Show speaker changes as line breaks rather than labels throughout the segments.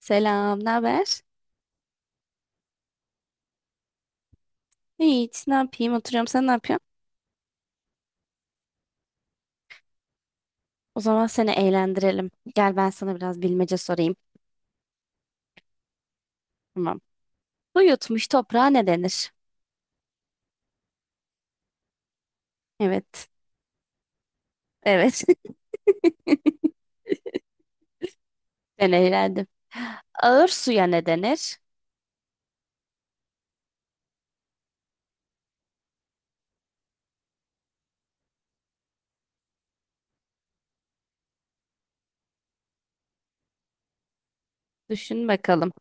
Selam, ne haber? Hiç, ne yapayım? Oturuyorum, sen ne yapıyorsun? O zaman seni eğlendirelim. Gel ben sana biraz bilmece sorayım. Tamam. Su yutmuş toprağa ne denir? Evet, evet. Ben eğlendim. Ağır suya ne denir? Düşün bakalım.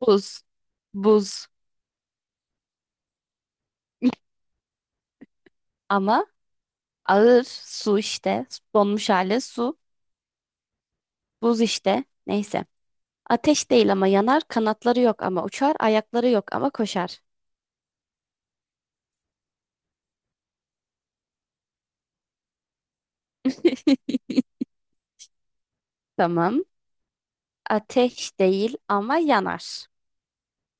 Buz, buz. Ama ağır su işte. Donmuş hali su, buz işte. Neyse. Ateş değil ama yanar, kanatları yok ama uçar, ayakları yok ama koşar. Tamam. Ateş değil ama yanar.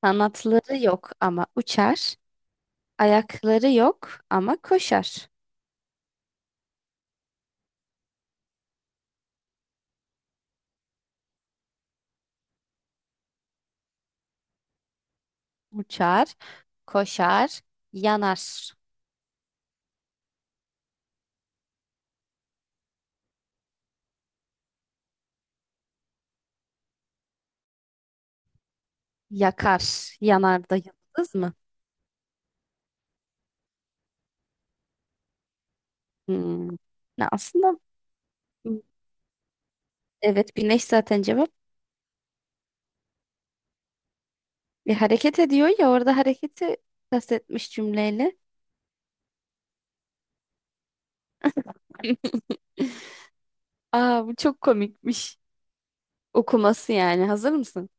Kanatları yok ama uçar. Ayakları yok ama koşar. Uçar, koşar, yanar, yakar. Yanar da yıldız mı? Hmm. Ne aslında hmm, evet güneş zaten cevap. Bir hareket ediyor ya, orada hareketi kastetmiş cümleyle. Aa, bu çok komikmiş. Okuması yani. Hazır mısın?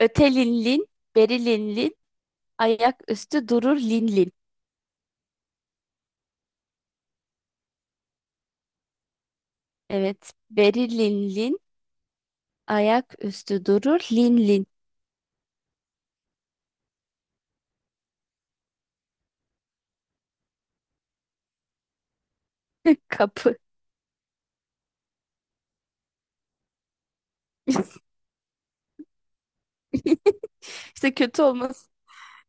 Ötelinlin, berilinlin, ayak üstü durur linlin. Evet, berilinlin. Ayak üstü durur, lin lin. Kapı. İşte kötü olması,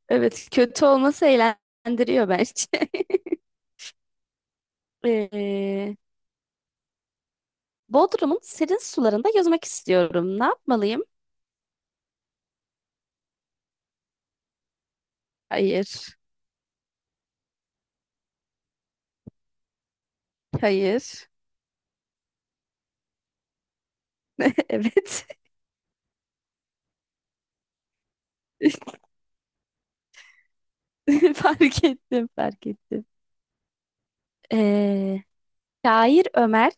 evet kötü olması eğlendiriyor bence. Ee, Bodrum'un serin sularında yüzmek istiyorum. Ne yapmalıyım? Hayır, hayır. Evet. Fark ettim, fark ettim. Ee, şair Ömer,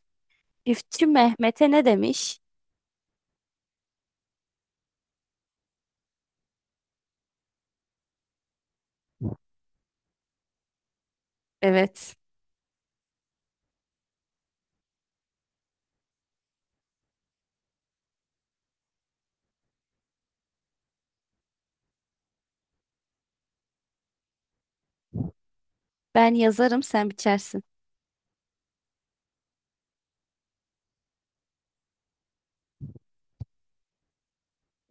Üfçü Mehmet'e ne demiş? Evet. Ben yazarım, sen biçersin.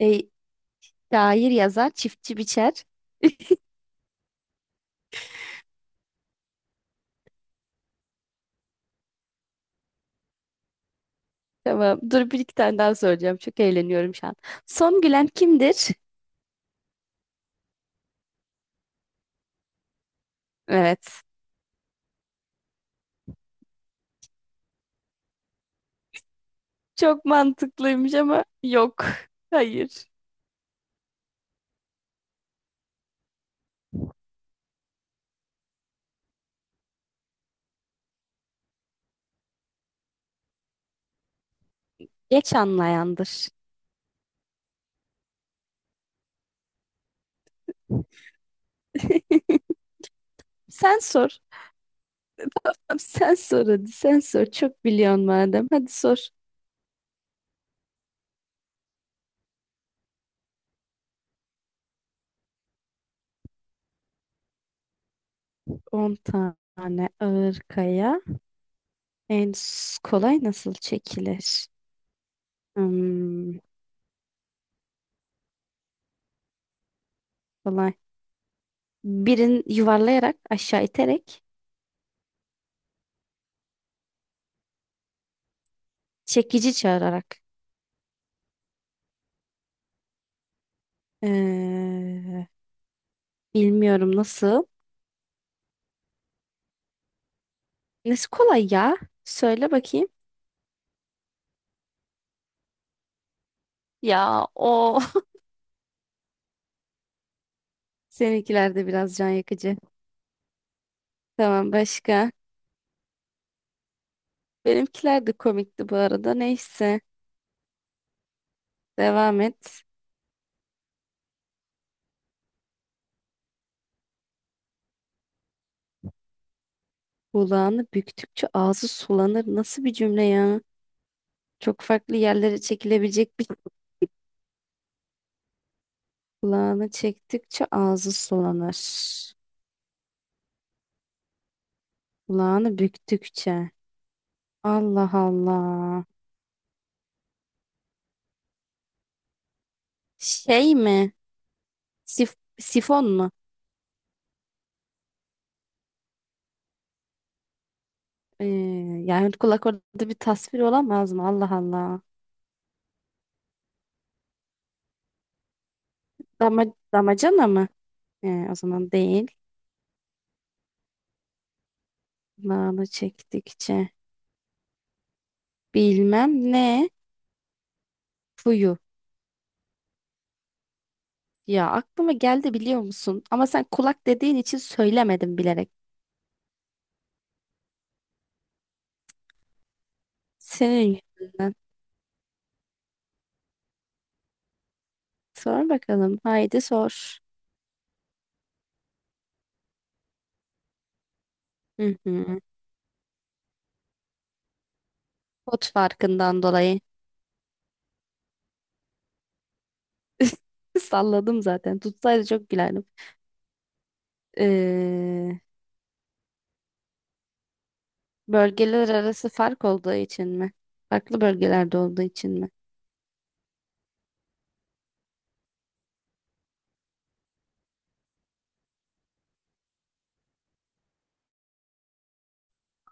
E, şair yazar, çiftçi biçer. Tamam. Dur, bir iki tane daha söyleyeceğim. Çok eğleniyorum şu an. Son gülen kimdir? Evet. Çok mantıklıymış ama yok. Hayır. Geç anlayandır. Sen sor. Tamam, sen sor hadi. Sen sor. Çok biliyorsun madem. Hadi sor. 10 tane ağır kaya. En kolay nasıl çekilir? Hmm, kolay. Birini yuvarlayarak, aşağı iterek, çekici çağırarak. Ee, bilmiyorum nasıl. Nesi kolay ya? Söyle bakayım. Ya o seninkiler de biraz can yakıcı. Tamam, başka. Benimkiler de komikti bu arada. Neyse. Devam et. Kulağını büktükçe ağzı sulanır. Nasıl bir cümle ya? Çok farklı yerlere çekilebilecek bir... Kulağını çektikçe ağzı sulanır. Kulağını büktükçe. Allah Allah. Şey mi? Sifon mu? Ee, yani kulak orada bir tasvir olamaz mı? Allah Allah. Dama, Damacana mı? He, o zaman değil. Nane çektikçe. Bilmem ne. Fuyu. Ya, aklıma geldi biliyor musun? Ama sen kulak dediğin için söylemedim bilerek. Senin yüzünden. Sor bakalım. Haydi sor. Hı hı. Pot farkından dolayı. Salladım zaten. Tutsaydı çok gülerdim. Ee, bölgeler arası fark olduğu için mi? Farklı bölgelerde olduğu için mi?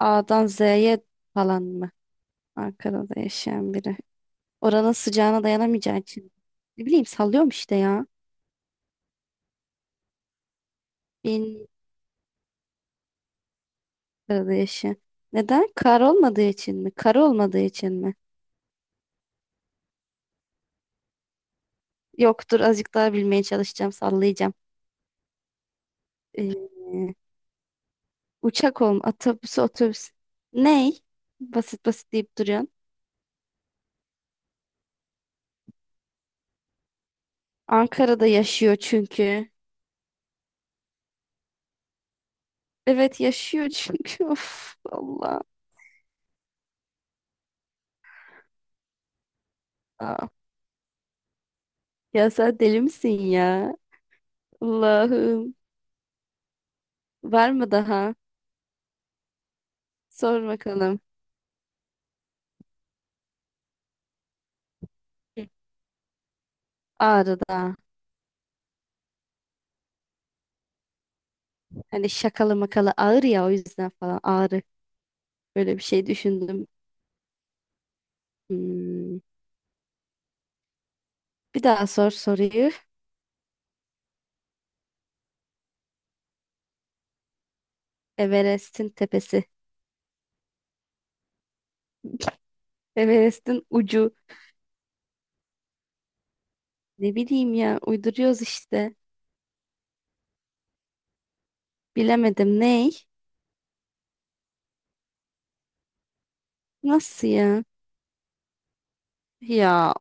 A'dan Z'ye falan mı? Ankara'da yaşayan biri. Oranın sıcağına dayanamayacağı için. Ne bileyim, sallıyorum işte ya. Bin arada yaşı. Neden? Kar olmadığı için mi? Kar olmadığı için mi? Yoktur, azıcık daha bilmeye çalışacağım, sallayacağım. Ee, uçak olm otobüs otobüs. Ney? Basit basit deyip duruyorsun. Ankara'da yaşıyor çünkü. Evet, yaşıyor çünkü. Of Allah. Aa. Ya sen deli misin ya? Allah'ım. Var mı daha? Sor bakalım. Hı. Ağrı'da. Hani şakalı makalı ağır ya, o yüzden falan ağrı. Böyle bir şey düşündüm. Hmm. Bir daha sor soruyu. Everest'in tepesi. Everest'in ucu. Ne bileyim ya, uyduruyoruz işte. Bilemedim, ney? Nasıl ya? Ya,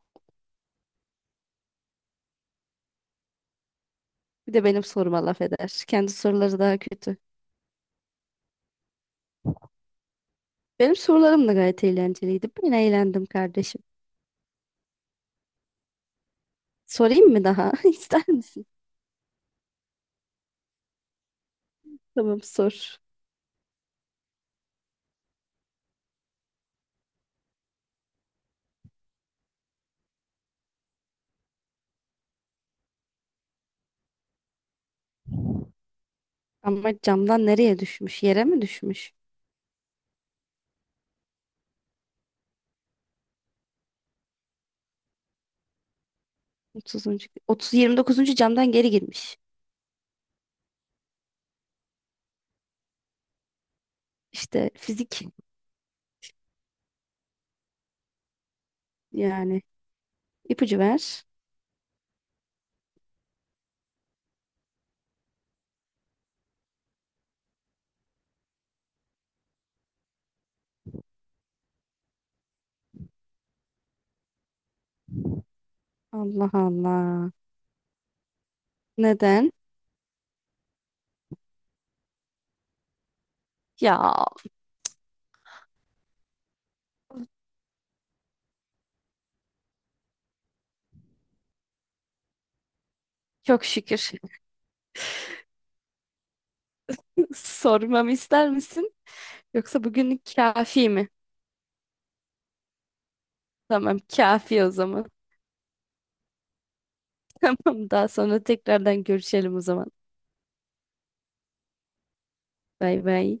bir de benim soruma laf eder. Kendi soruları daha kötü. Benim sorularım da gayet eğlenceliydi. Ben eğlendim kardeşim. Sorayım mı daha? İster misin? Tamam, sor. Ama camdan nereye düşmüş? Yere mi düşmüş? 30., 29. camdan geri girmiş. İşte fizik yani. İpucu ver. Allah Allah. Neden? Ya, çok şükür. Sormamı ister misin? Yoksa bugünlük kafi mi? Tamam, kafi o zaman. Tamam, daha sonra tekrardan görüşelim o zaman. Bay bay.